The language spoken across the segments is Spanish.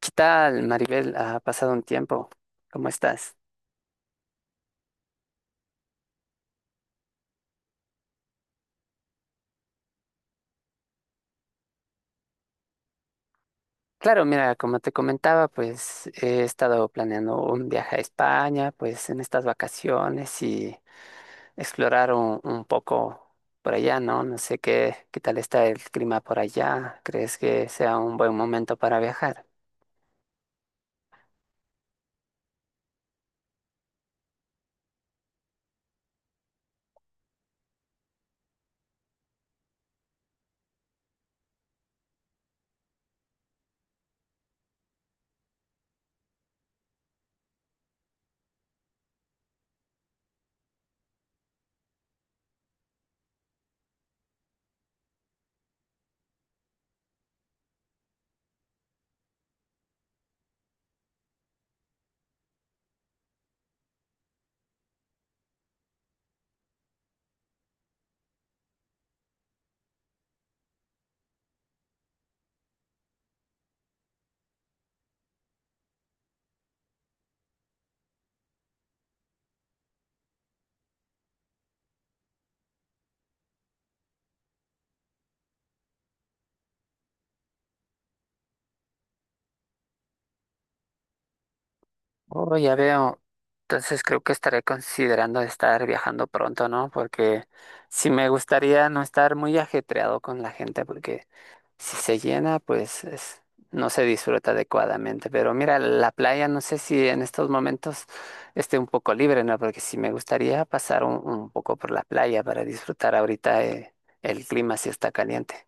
¿Qué tal, Maribel? Ha pasado un tiempo. ¿Cómo estás? Claro, mira, como te comentaba, pues he estado planeando un viaje a España, pues en estas vacaciones y explorar un poco por allá, ¿no? No sé qué tal está el clima por allá. ¿Crees que sea un buen momento para viajar? Oh, ya veo. Entonces creo que estaré considerando estar viajando pronto, ¿no? Porque sí me gustaría no estar muy ajetreado con la gente, porque si se llena, pues no se disfruta adecuadamente. Pero mira, la playa no sé si en estos momentos esté un poco libre, ¿no? Porque sí me gustaría pasar un poco por la playa para disfrutar ahorita el clima si está caliente.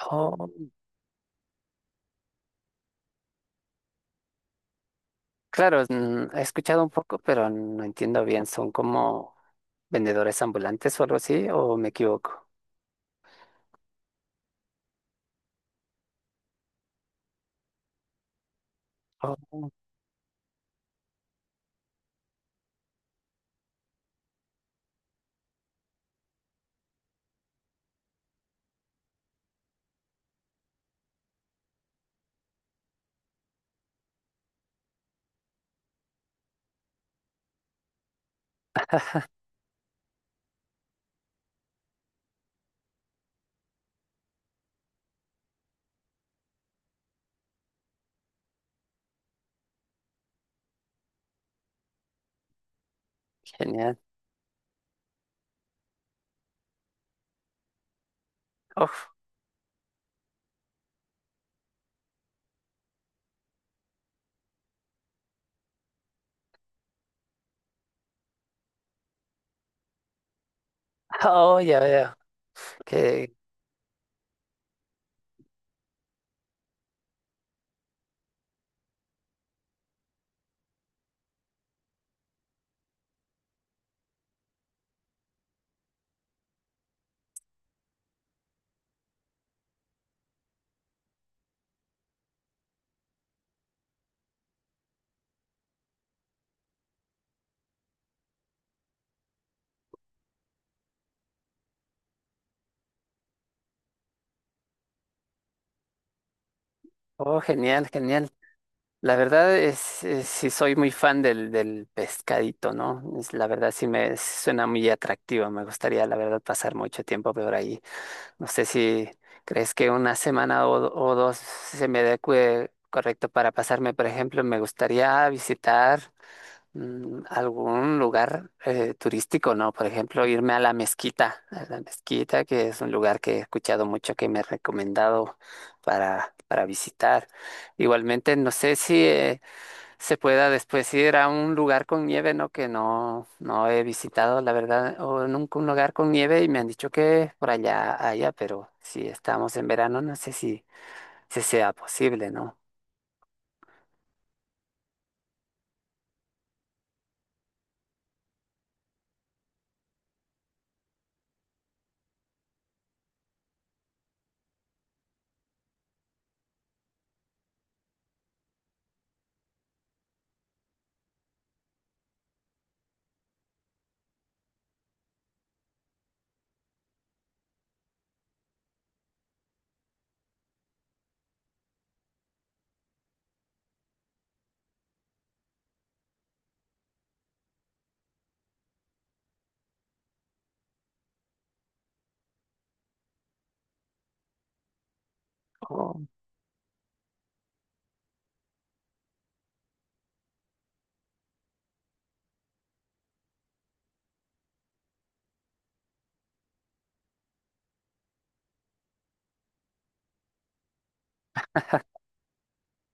Oh, claro, mm, he escuchado un poco, pero no entiendo bien. ¿Son como vendedores ambulantes o algo así? ¿O me equivoco? Oh, genial. Oh, oh, ya veo. Que, oh, genial, genial. La verdad sí soy muy fan del pescadito, ¿no? Es, la verdad sí me suena muy atractivo. Me gustaría, la verdad, pasar mucho tiempo por ahí. No sé si crees que una semana o, o dos se me adecue correcto para pasarme, por ejemplo, me gustaría visitar. Mm, algún lugar turístico, ¿no? Por ejemplo, irme a la mezquita, que es un lugar que he escuchado mucho que me he recomendado para visitar. Igualmente, no sé si se pueda después ir a un lugar con nieve, ¿no? Que no he visitado, la verdad, o nunca un lugar con nieve y me han dicho que por allá haya, pero si estamos en verano, no sé si sea posible, ¿no? Oh,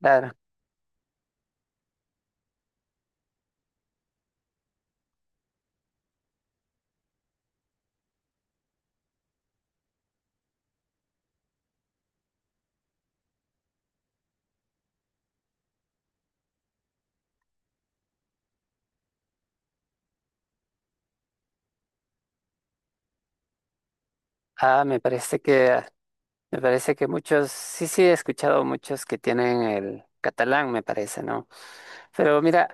claro. Ah, me parece que me parece que muchos, sí, sí, he escuchado muchos que tienen el catalán, me parece, ¿no? Pero mira,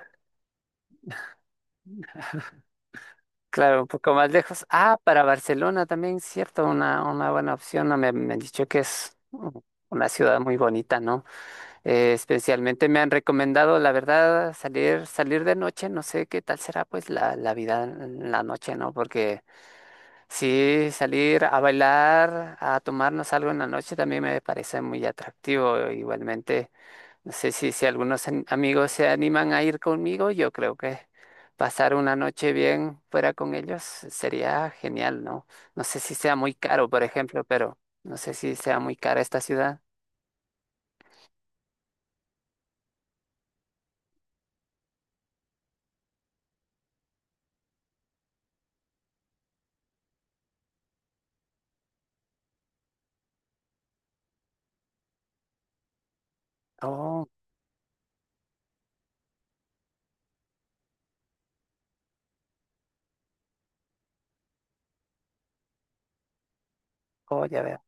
claro, un poco más lejos. Ah, para Barcelona también, cierto, una buena opción. No, me han dicho que es una ciudad muy bonita, ¿no? Especialmente me han recomendado, la verdad, salir, salir de noche. No sé qué tal será, pues, la vida en la noche, ¿no? Porque sí, salir a bailar, a tomarnos algo en la noche también me parece muy atractivo. Igualmente. No sé si algunos amigos se animan a ir conmigo, yo creo que pasar una noche bien fuera con ellos sería genial, ¿no? No sé si sea muy caro, por ejemplo, pero no sé si sea muy cara esta ciudad. Oh, oh, ya veo.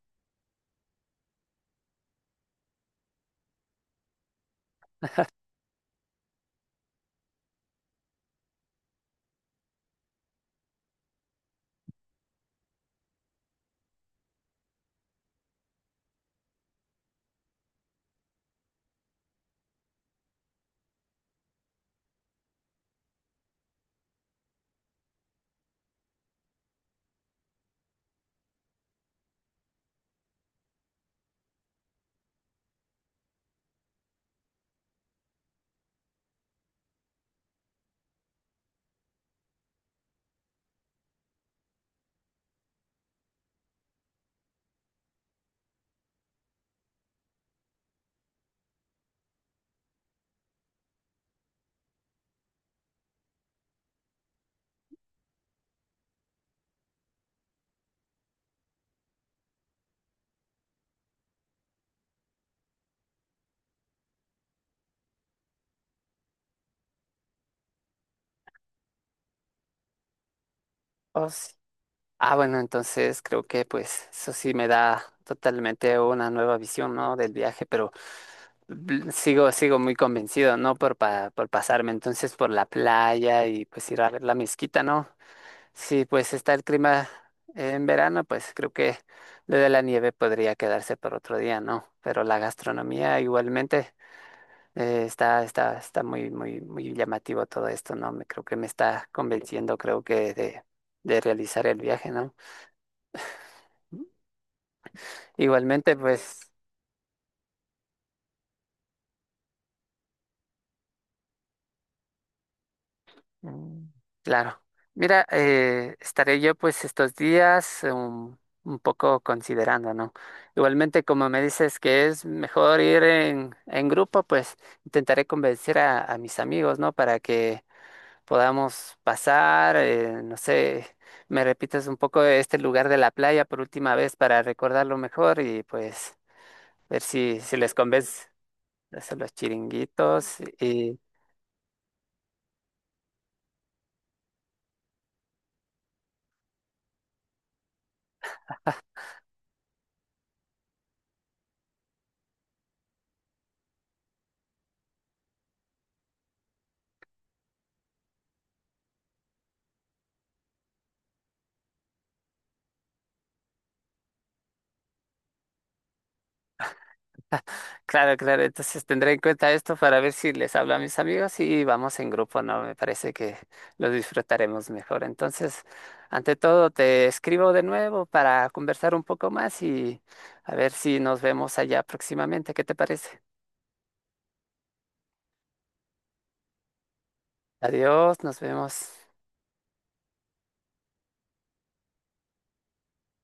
Oh, sí. Ah, bueno, entonces creo que pues eso sí me da totalmente una nueva visión, ¿no? Del viaje, pero sigo muy convencido, ¿no? Por pasarme entonces por la playa y pues ir a ver la mezquita, ¿no? Si pues está el clima en verano, pues creo que lo de la nieve podría quedarse por otro día, ¿no? Pero la gastronomía igualmente está muy, muy, muy llamativo todo esto, ¿no? Creo que me está convenciendo, creo de realizar el viaje, ¿no? Igualmente, pues. Mm, claro. Mira, estaré yo pues estos días poco considerando, ¿no? Igualmente, como me dices que es mejor ir en grupo, pues intentaré convencer a mis amigos, ¿no? Para que podamos pasar, no sé, me repitas un poco este lugar de la playa por última vez para recordarlo mejor y pues ver si les convence. Hacer los chiringuitos. Claro, claro, entonces tendré en cuenta esto para ver si les hablo a mis amigos y vamos en grupo, ¿no? Me parece que lo disfrutaremos mejor. Entonces, ante todo, te escribo de nuevo para conversar un poco más y a ver si nos vemos allá próximamente. ¿Qué te parece? Adiós, nos vemos.